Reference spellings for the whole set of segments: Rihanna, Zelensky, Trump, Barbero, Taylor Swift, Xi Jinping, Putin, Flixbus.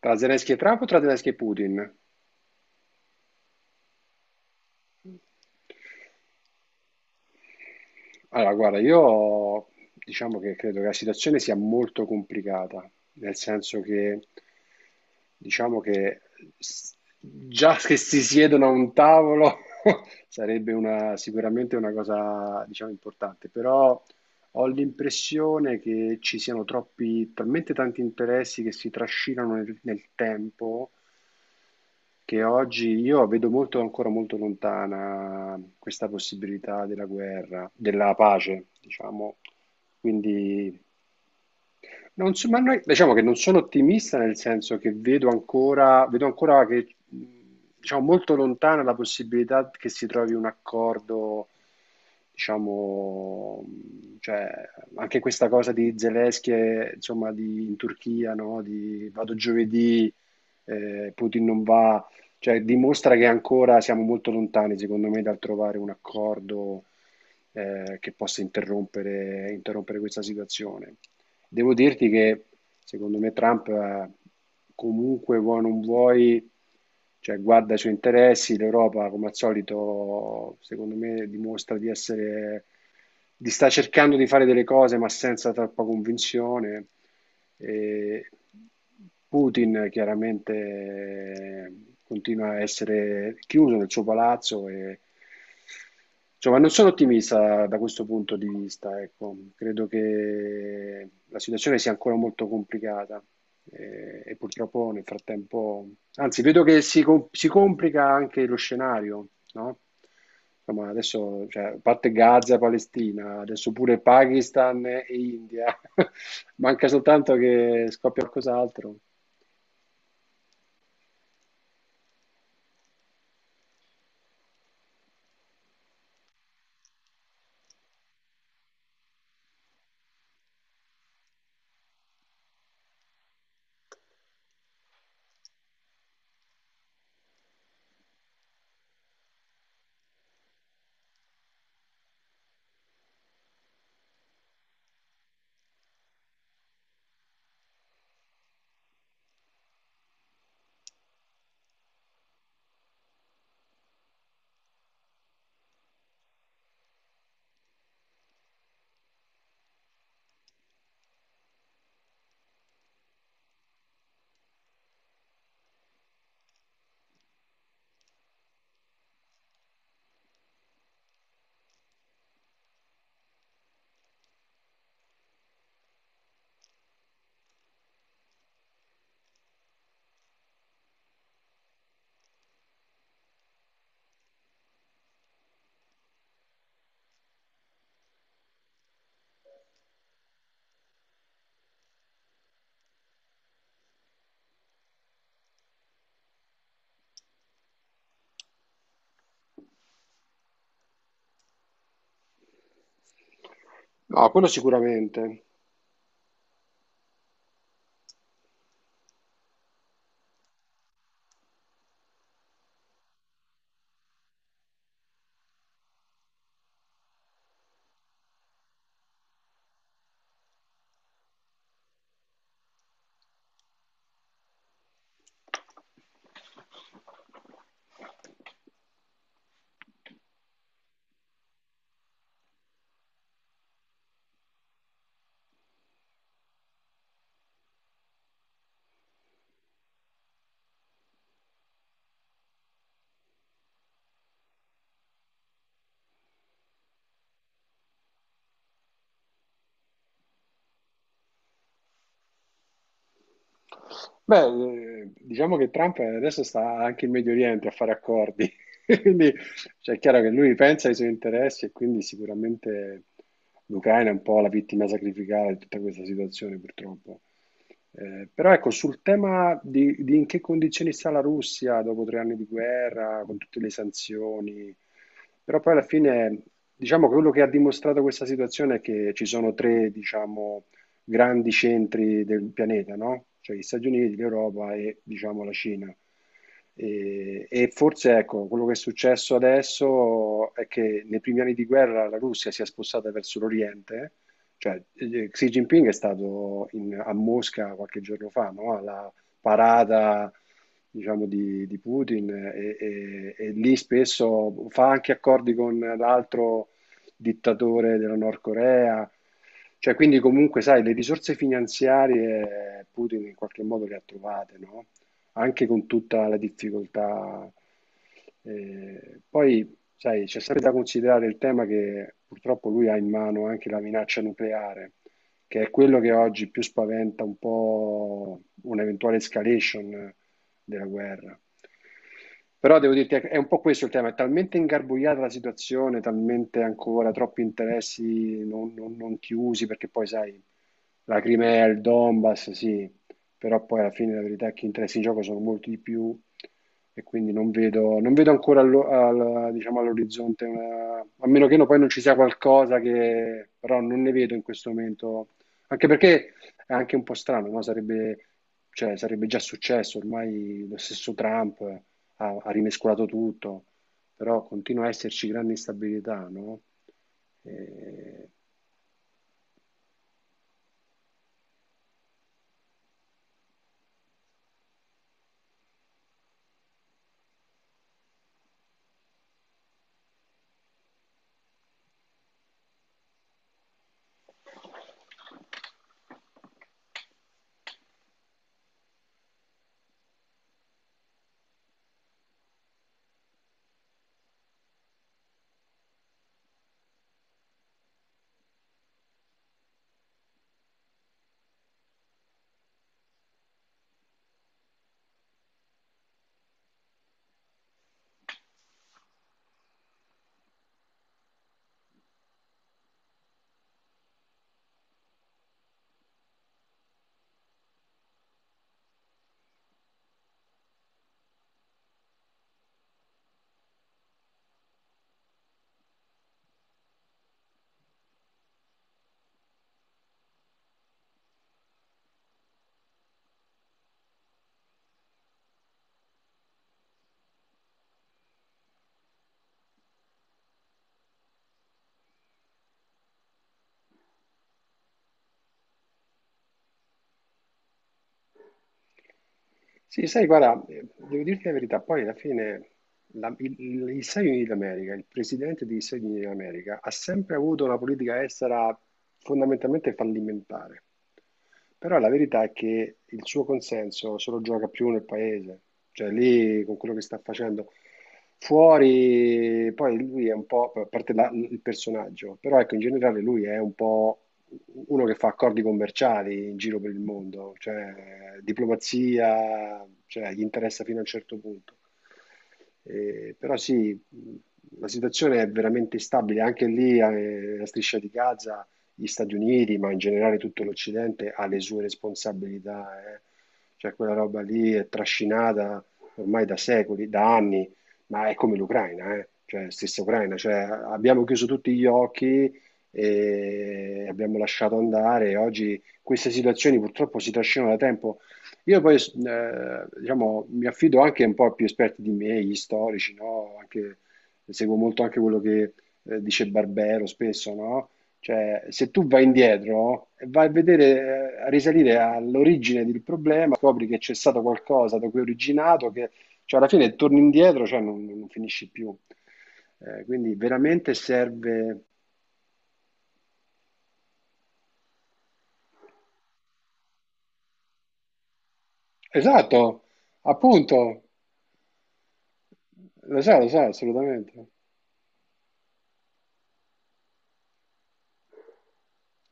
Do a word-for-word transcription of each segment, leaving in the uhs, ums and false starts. Tra Zelensky e Trump o tra Zelensky e Putin? Allora, guarda, io diciamo che credo che la situazione sia molto complicata, nel senso che diciamo che s- già che si siedono a un tavolo sarebbe una- sicuramente una cosa, diciamo, importante, però ho l'impressione che ci siano troppi, talmente tanti interessi che si trascinano nel, nel tempo, che oggi io vedo molto, ancora molto lontana questa possibilità della guerra, della pace, diciamo. Quindi non so- ma noi- diciamo che non sono ottimista, nel senso che vedo ancora, vedo ancora che, mh, diciamo, molto lontana la possibilità che si trovi un accordo, diciamo, mh, cioè, anche questa cosa di Zelensky, e, insomma, di, in Turchia, no? Di vado giovedì, eh, Putin non va, cioè, dimostra che ancora siamo molto lontani, secondo me, dal trovare un accordo, eh, che possa interrompere interrompere questa situazione. Devo dirti che secondo me Trump eh, comunque vuoi o non vuoi, cioè guarda i suoi interessi, l'Europa come al solito secondo me dimostra di essere, di sta cercando di fare delle cose ma senza troppa convinzione. E Putin chiaramente eh, continua a essere chiuso nel suo palazzo e Insomma, non sono ottimista da questo punto di vista, ecco. Credo che la situazione sia ancora molto complicata eh, e, purtroppo nel frattempo, anzi, vedo che si, com- si complica anche lo scenario, no? Insomma, adesso, cioè, a parte Gaza e Palestina, adesso pure Pakistan e India, manca soltanto che scoppia qualcos'altro. No, quello sicuramente. Beh, eh, diciamo che Trump adesso sta anche in Medio Oriente a fare accordi, quindi cioè, è chiaro che lui pensa ai suoi interessi e quindi sicuramente l'Ucraina è un po' la vittima sacrificale di tutta questa situazione, purtroppo. Eh, però ecco, sul tema di, di in che condizioni sta la Russia dopo tre anni di guerra, con tutte le sanzioni, però poi alla fine diciamo che quello che ha dimostrato questa situazione è che ci sono tre, diciamo, grandi centri del pianeta, no? Cioè, gli Stati Uniti, l'Europa e diciamo la Cina. E, e forse ecco, quello che è successo adesso è che nei primi anni di guerra la Russia si è spostata verso l'Oriente, cioè eh, Xi Jinping è stato in- a Mosca qualche giorno fa, no? Alla parata, diciamo, di, di Putin, eh, e, e- e lì spesso fa anche accordi con l'altro dittatore della Nord Corea. Cioè, quindi comunque, sai, le risorse finanziarie Putin in qualche modo le ha trovate, no? Anche con tutta la difficoltà. Eh, poi, sai, c'è sempre da considerare il tema che purtroppo lui ha in mano anche la minaccia nucleare, che è quello che oggi più spaventa, un po' un'eventuale escalation della guerra. Però devo dirti, è un po' questo il tema, è talmente ingarbugliata la situazione, talmente ancora troppi interessi non, non- non chiusi, perché poi sai, la Crimea, il Donbass, sì, però poi alla fine la verità è che gli interessi in gioco sono molti di più, e quindi non vedo, non vedo ancora allo- al- diciamo, all'orizzonte, una- a meno che no, poi non ci sia qualcosa, che però non ne vedo in questo momento, anche perché è anche un po' strano, no? Sarebbe cioè sarebbe già successo, ormai lo stesso Trump eh, ha, ha rimescolato tutto, però continua a esserci grande instabilità, no? Eh, sì, sai, guarda, eh, devo dirti la verità, poi alla fine la- il- il- gli Stati Uniti d'America, il presidente degli Stati Uniti d'America, ha sempre avuto una politica estera fondamentalmente fallimentare. Però la verità è che il suo consenso se lo gioca più nel paese, cioè lì con quello che sta facendo. Fuori, poi lui è un po', a parte la- il personaggio, però ecco, in generale lui è un po' uno che fa accordi commerciali in giro per il mondo, cioè diplomazia, cioè, gli interessa fino a un certo punto. Eh, però sì, la situazione è veramente instabile, anche lì eh, la striscia di Gaza, gli Stati Uniti, ma in generale tutto l'Occidente, ha le sue responsabilità. eh. Cioè, quella roba lì è trascinata ormai da secoli, da anni, ma è come l'Ucraina, eh. Cioè, stessa Ucraina, cioè abbiamo chiuso tutti gli occhi e abbiamo lasciato andare. Oggi queste situazioni purtroppo si trascinano da tempo. Io poi, eh, diciamo, mi affido anche un po' a più esperti di me, gli storici, no? Anche, seguo molto anche quello che eh, dice Barbero spesso, no? Cioè, se tu vai indietro e vai a vedere, eh, a risalire all'origine del problema, scopri che c'è stato qualcosa da cui è originato, che cioè, alla fine torni indietro, cioè non, non finisci più. Eh, quindi veramente serve. Esatto, appunto, lo so, lo so, assolutamente.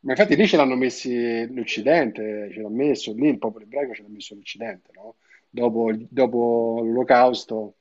Ma infatti lì ce l'hanno messi l'Occidente, ce l'ha messo lì, il popolo ebraico ce l'ha messo l'Occidente, no? Dopo, dopo l'Olocausto